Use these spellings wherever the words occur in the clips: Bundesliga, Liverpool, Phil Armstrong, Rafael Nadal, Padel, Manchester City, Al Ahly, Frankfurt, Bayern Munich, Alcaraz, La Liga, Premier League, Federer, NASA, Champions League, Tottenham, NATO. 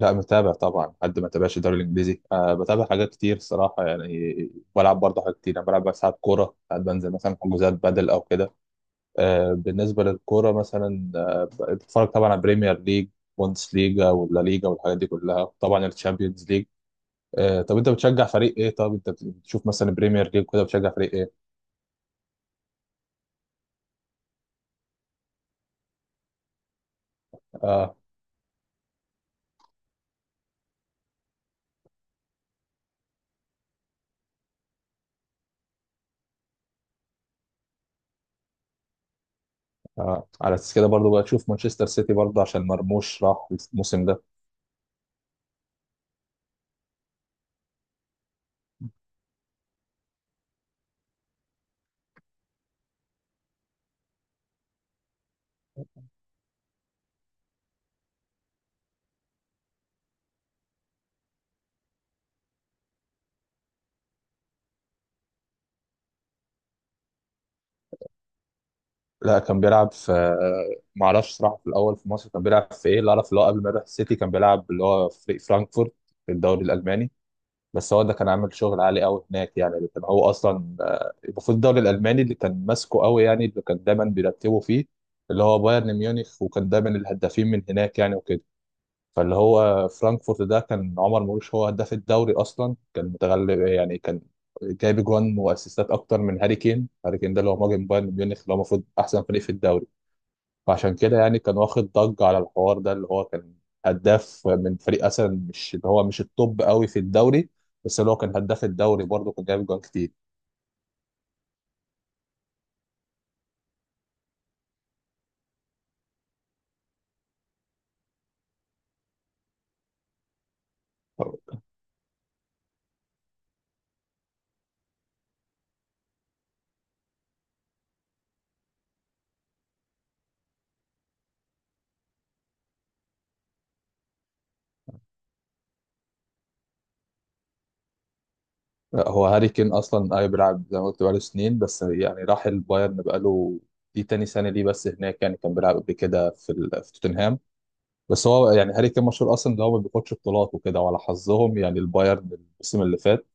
لا، متابع طبعا. حد ما تابعش الدوري الانجليزي؟ بتابع حاجات كتير صراحه يعني. بلعب برضه حاجات كتير. انا بلعب بقى ساعات كوره، ساعات بنزل مثلا حجوزات بدل او كده. بالنسبه للكوره مثلا، بتفرج طبعا على بريمير ليج، بوندس ليجا ولا ليجا والحاجات دي كلها، طبعا الشامبيونز ليج. طب انت بتشجع فريق ايه؟ طب انت بتشوف مثلا بريمير ليج كده، بتشجع فريق ايه؟ أه أه. على اساس كده برضه بقى تشوف مانشستر سيتي برضه عشان مرموش راح الموسم ده. لا كان بيلعب في ما اعرفش صراحه في الاول في مصر كان بيلعب في ايه. اللي اعرف اللي هو قبل ما يروح السيتي كان بيلعب اللي هو في فرانكفورت في الدوري الالماني. بس هو ده كان عامل شغل عالي قوي هناك يعني. اللي كان هو اصلا، المفروض الدوري الالماني اللي كان ماسكه قوي يعني، اللي كان دايما بيرتبه فيه اللي هو بايرن ميونخ، وكان دايما الهدافين من هناك يعني وكده. فاللي هو فرانكفورت ده كان عمر مرموش هو هداف الدوري اصلا، كان متغلب يعني، كان جايب جوان واسيستات اكتر من هاري كين. هاري كين ده اللي هو مهاجم بايرن ميونخ اللي هو المفروض احسن فريق في الدوري. فعشان كده يعني كان واخد ضجة على الحوار ده، اللي هو كان هداف من فريق أصلا مش، اللي هو مش التوب قوي في الدوري، بس اللي هو كان هداف الدوري برضه، كان جايب جوان كتير. هو هاري كين أصلا أي بيلعب زي ما قلت بقاله سنين، بس يعني راح البايرن بقاله دي تاني سنة ليه بس هناك يعني. كان بيلعب قبل كده في توتنهام. بس هو يعني هاري كين مشهور أصلا إن هو ما بياخدش بطولات وكده، وعلى حظهم يعني البايرن الموسم اللي فات،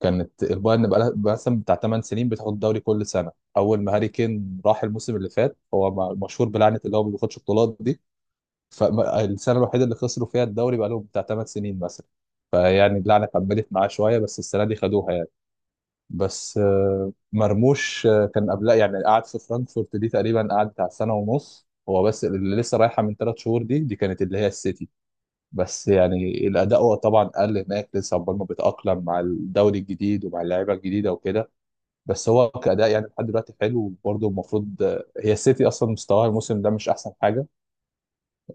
كانت البايرن بقى مثلا بتاع 8 سنين بتاخد الدوري كل سنه. اول ما هاري كين راح الموسم اللي فات، هو مشهور بلعنه اللي هو ما بياخدش بطولات دي. فالسنه الوحيده اللي خسروا فيها الدوري بقى لهم بتاع 8 سنين مثلا. فيعني اللعنه كملت معاه شويه، بس السنه دي خدوها يعني. بس مرموش، كان قبلها يعني قعد في فرانكفورت دي تقريبا، قعد بتاع سنه ونص هو، بس اللي لسه رايحه من ثلاث شهور دي كانت اللي هي السيتي. بس يعني الاداء هو طبعا قل هناك لسه، عقبال ما بيتاقلم مع الدوري الجديد ومع اللعيبه الجديده وكده. بس هو كاداء يعني لحد دلوقتي حلو، وبرضه المفروض هي السيتي اصلا مستواها الموسم ده مش احسن حاجه.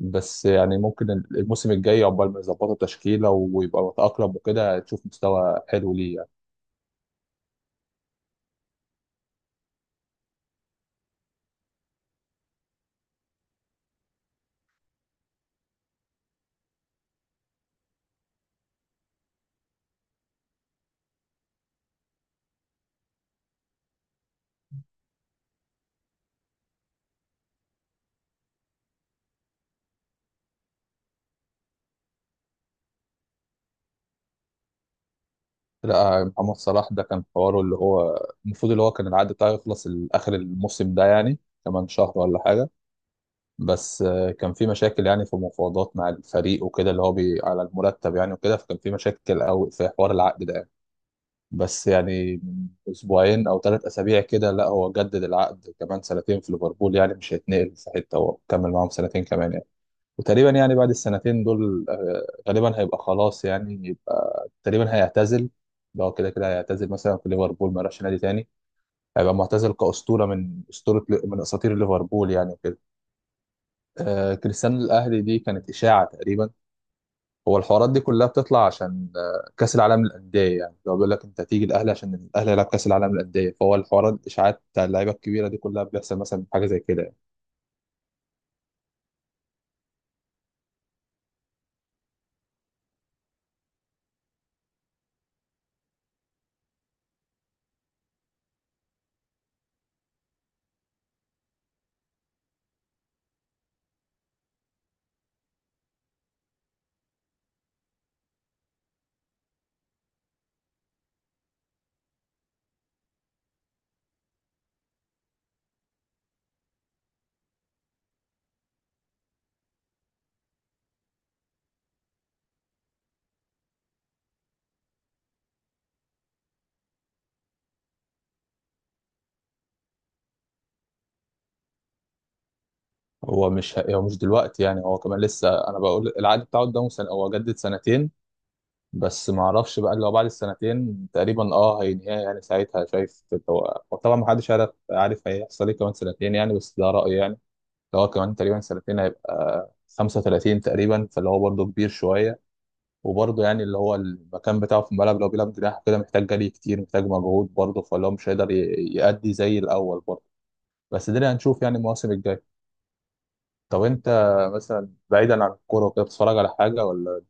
بس يعني ممكن الموسم الجاي، عقبال ما يظبطوا تشكيله ويبقى متاقلم وكده، تشوف مستوى حلو ليه يعني. لا، محمد صلاح ده كان حواره اللي هو المفروض اللي هو كان العقد بتاعه يخلص اخر الموسم ده يعني، كمان شهر ولا حاجه. بس كان في مشاكل يعني في مفاوضات مع الفريق وكده، اللي هو بي على المرتب يعني وكده، فكان في مشاكل أوي في حوار العقد ده يعني. بس يعني من أسبوعين أو ثلاث أسابيع كده، لا هو جدد العقد كمان سنتين في ليفربول يعني، مش هيتنقل في حتة، هو كمل معاهم سنتين كمان يعني. وتقريبا يعني بعد السنتين دول، غالبا هيبقى خلاص يعني، يبقى تقريبا هيعتزل. ده هو كده كده هيعتزل مثلا في ليفربول، ما راحش نادي تاني، هيبقى معتزل كأسطورة، من أساطير ليفربول يعني وكده. آه، كريستيانو الاهلي دي كانت اشاعه تقريبا. هو الحوارات دي كلها بتطلع عشان آه كاس العالم للانديه يعني، لو بيقول لك انت تيجي الاهلي عشان الاهلي يلعب كاس العالم للانديه، فهو الحوارات الاشاعات بتاع اللعيبه الكبيره دي كلها بيحصل مثلا حاجه زي كده يعني. هو مش دلوقتي يعني، هو كمان لسه، انا بقول العقد بتاعه قدامه سنه، هو جدد سنتين. بس ما اعرفش بقى اللي هو بعد السنتين تقريبا اه هينهيها يعني، ساعتها شايف. هو طبعا ما حدش عارف عارف هيحصل ايه كمان سنتين يعني، بس ده رايي يعني. اللي هو كمان تقريبا سنتين، هيبقى 35 تقريبا، فاللي هو برضه كبير شوية. وبرضه يعني اللي هو المكان بتاعه في الملعب لو بيلعب جناح كده، محتاج جري كتير، محتاج مجهود برضه، فاللي هو مش هيقدر يأدي زي الأول برضه. بس ده اللي هنشوف يعني المواسم الجاية. طب أنت مثلا، بعيدا عن الكورة وكده، بتتفرج على حاجة ولا؟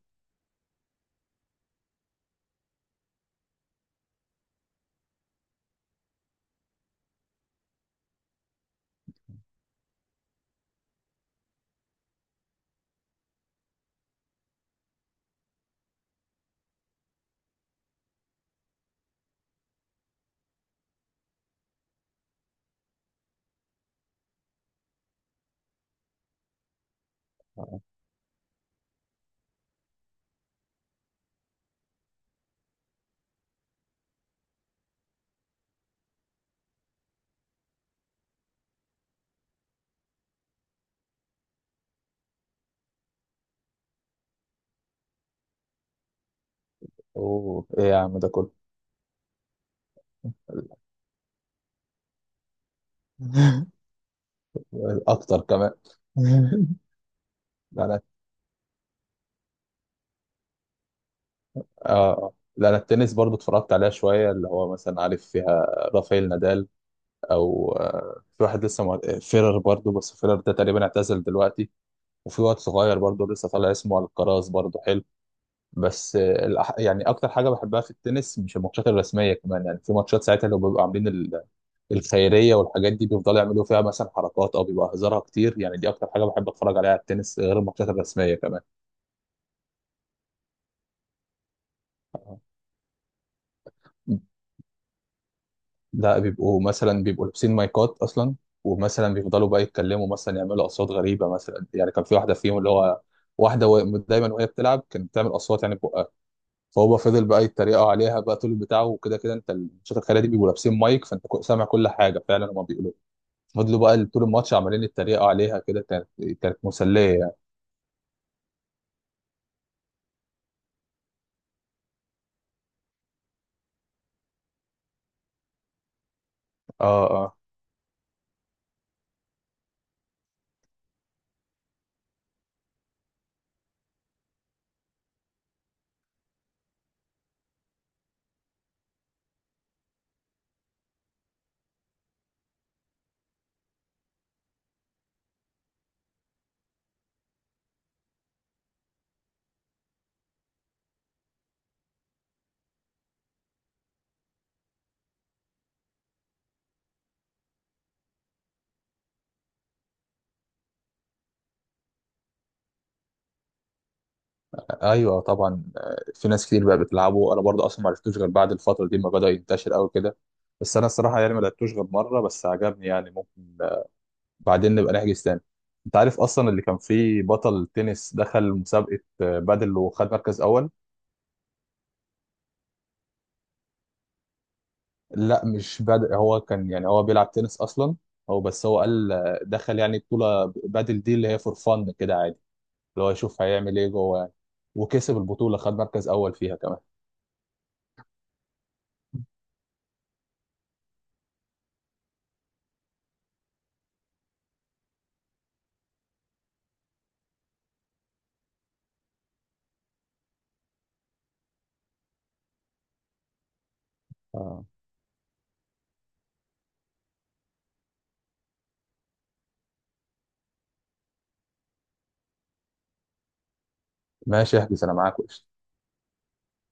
أوه إيه يا عم ده كله أكتر كمان لا، لا. آه. آه. لا، التنس برضه اتفرجت عليها شوية، اللي هو مثلا عارف فيها رافائيل نادال، او في واحد لسه مع فيرر برضو، بس فيرر ده تقريبا اعتزل دلوقتي. وفي واد صغير برضو لسه طالع اسمه الكراز برضو حلو. بس يعني اكتر حاجه بحبها في التنس مش الماتشات الرسميه كمان يعني، في ماتشات ساعتها لو بيبقوا عاملين الخيريه والحاجات دي، بيفضلوا يعملوا فيها مثلا حركات، او بيبقى هزارها كتير يعني. دي اكتر حاجه بحب اتفرج عليها على التنس غير الماتشات الرسميه كمان. لا، بيبقوا مثلا لابسين مايكات اصلا، ومثلا بيفضلوا بقى يتكلموا، مثلا يعملوا اصوات غريبه مثلا يعني. كان في واحده فيهم اللي هو واحده دايما وهي بتلعب كانت بتعمل اصوات يعني ببقها، فهو فضل بقى يتريقوا عليها بقى طول البتاع وكده كده. انت الماتشات الخياليه دي بيبقوا لابسين مايك، فانت سامع كل حاجه فعلا هما بيقولوا. فضلوا بقى طول الماتش عمالين يتريقوا عليها كده. كانت مسليه يعني. اه، اه. ايوه طبعا، في ناس كتير بقى بتلعبه. انا برضه اصلا ما عرفتوش غير بعد الفتره دي ما بدا ينتشر قوي كده. بس انا الصراحه يعني ما لعبتوش غير مره بس، عجبني يعني. ممكن بعدين نبقى نحجز تاني. انت عارف اصلا اللي كان فيه بطل تنس دخل مسابقه بادل وخد مركز اول؟ لا مش بادل، هو كان يعني هو بيلعب تنس اصلا، هو بس قال دخل يعني بطوله بادل دي اللي هي فور فن كده عادي، اللي هو يشوف هيعمل ايه جوه يعني. وكسب البطوله، خد مركز اول فيها كمان. آه، ماشي، احجز انا معاك.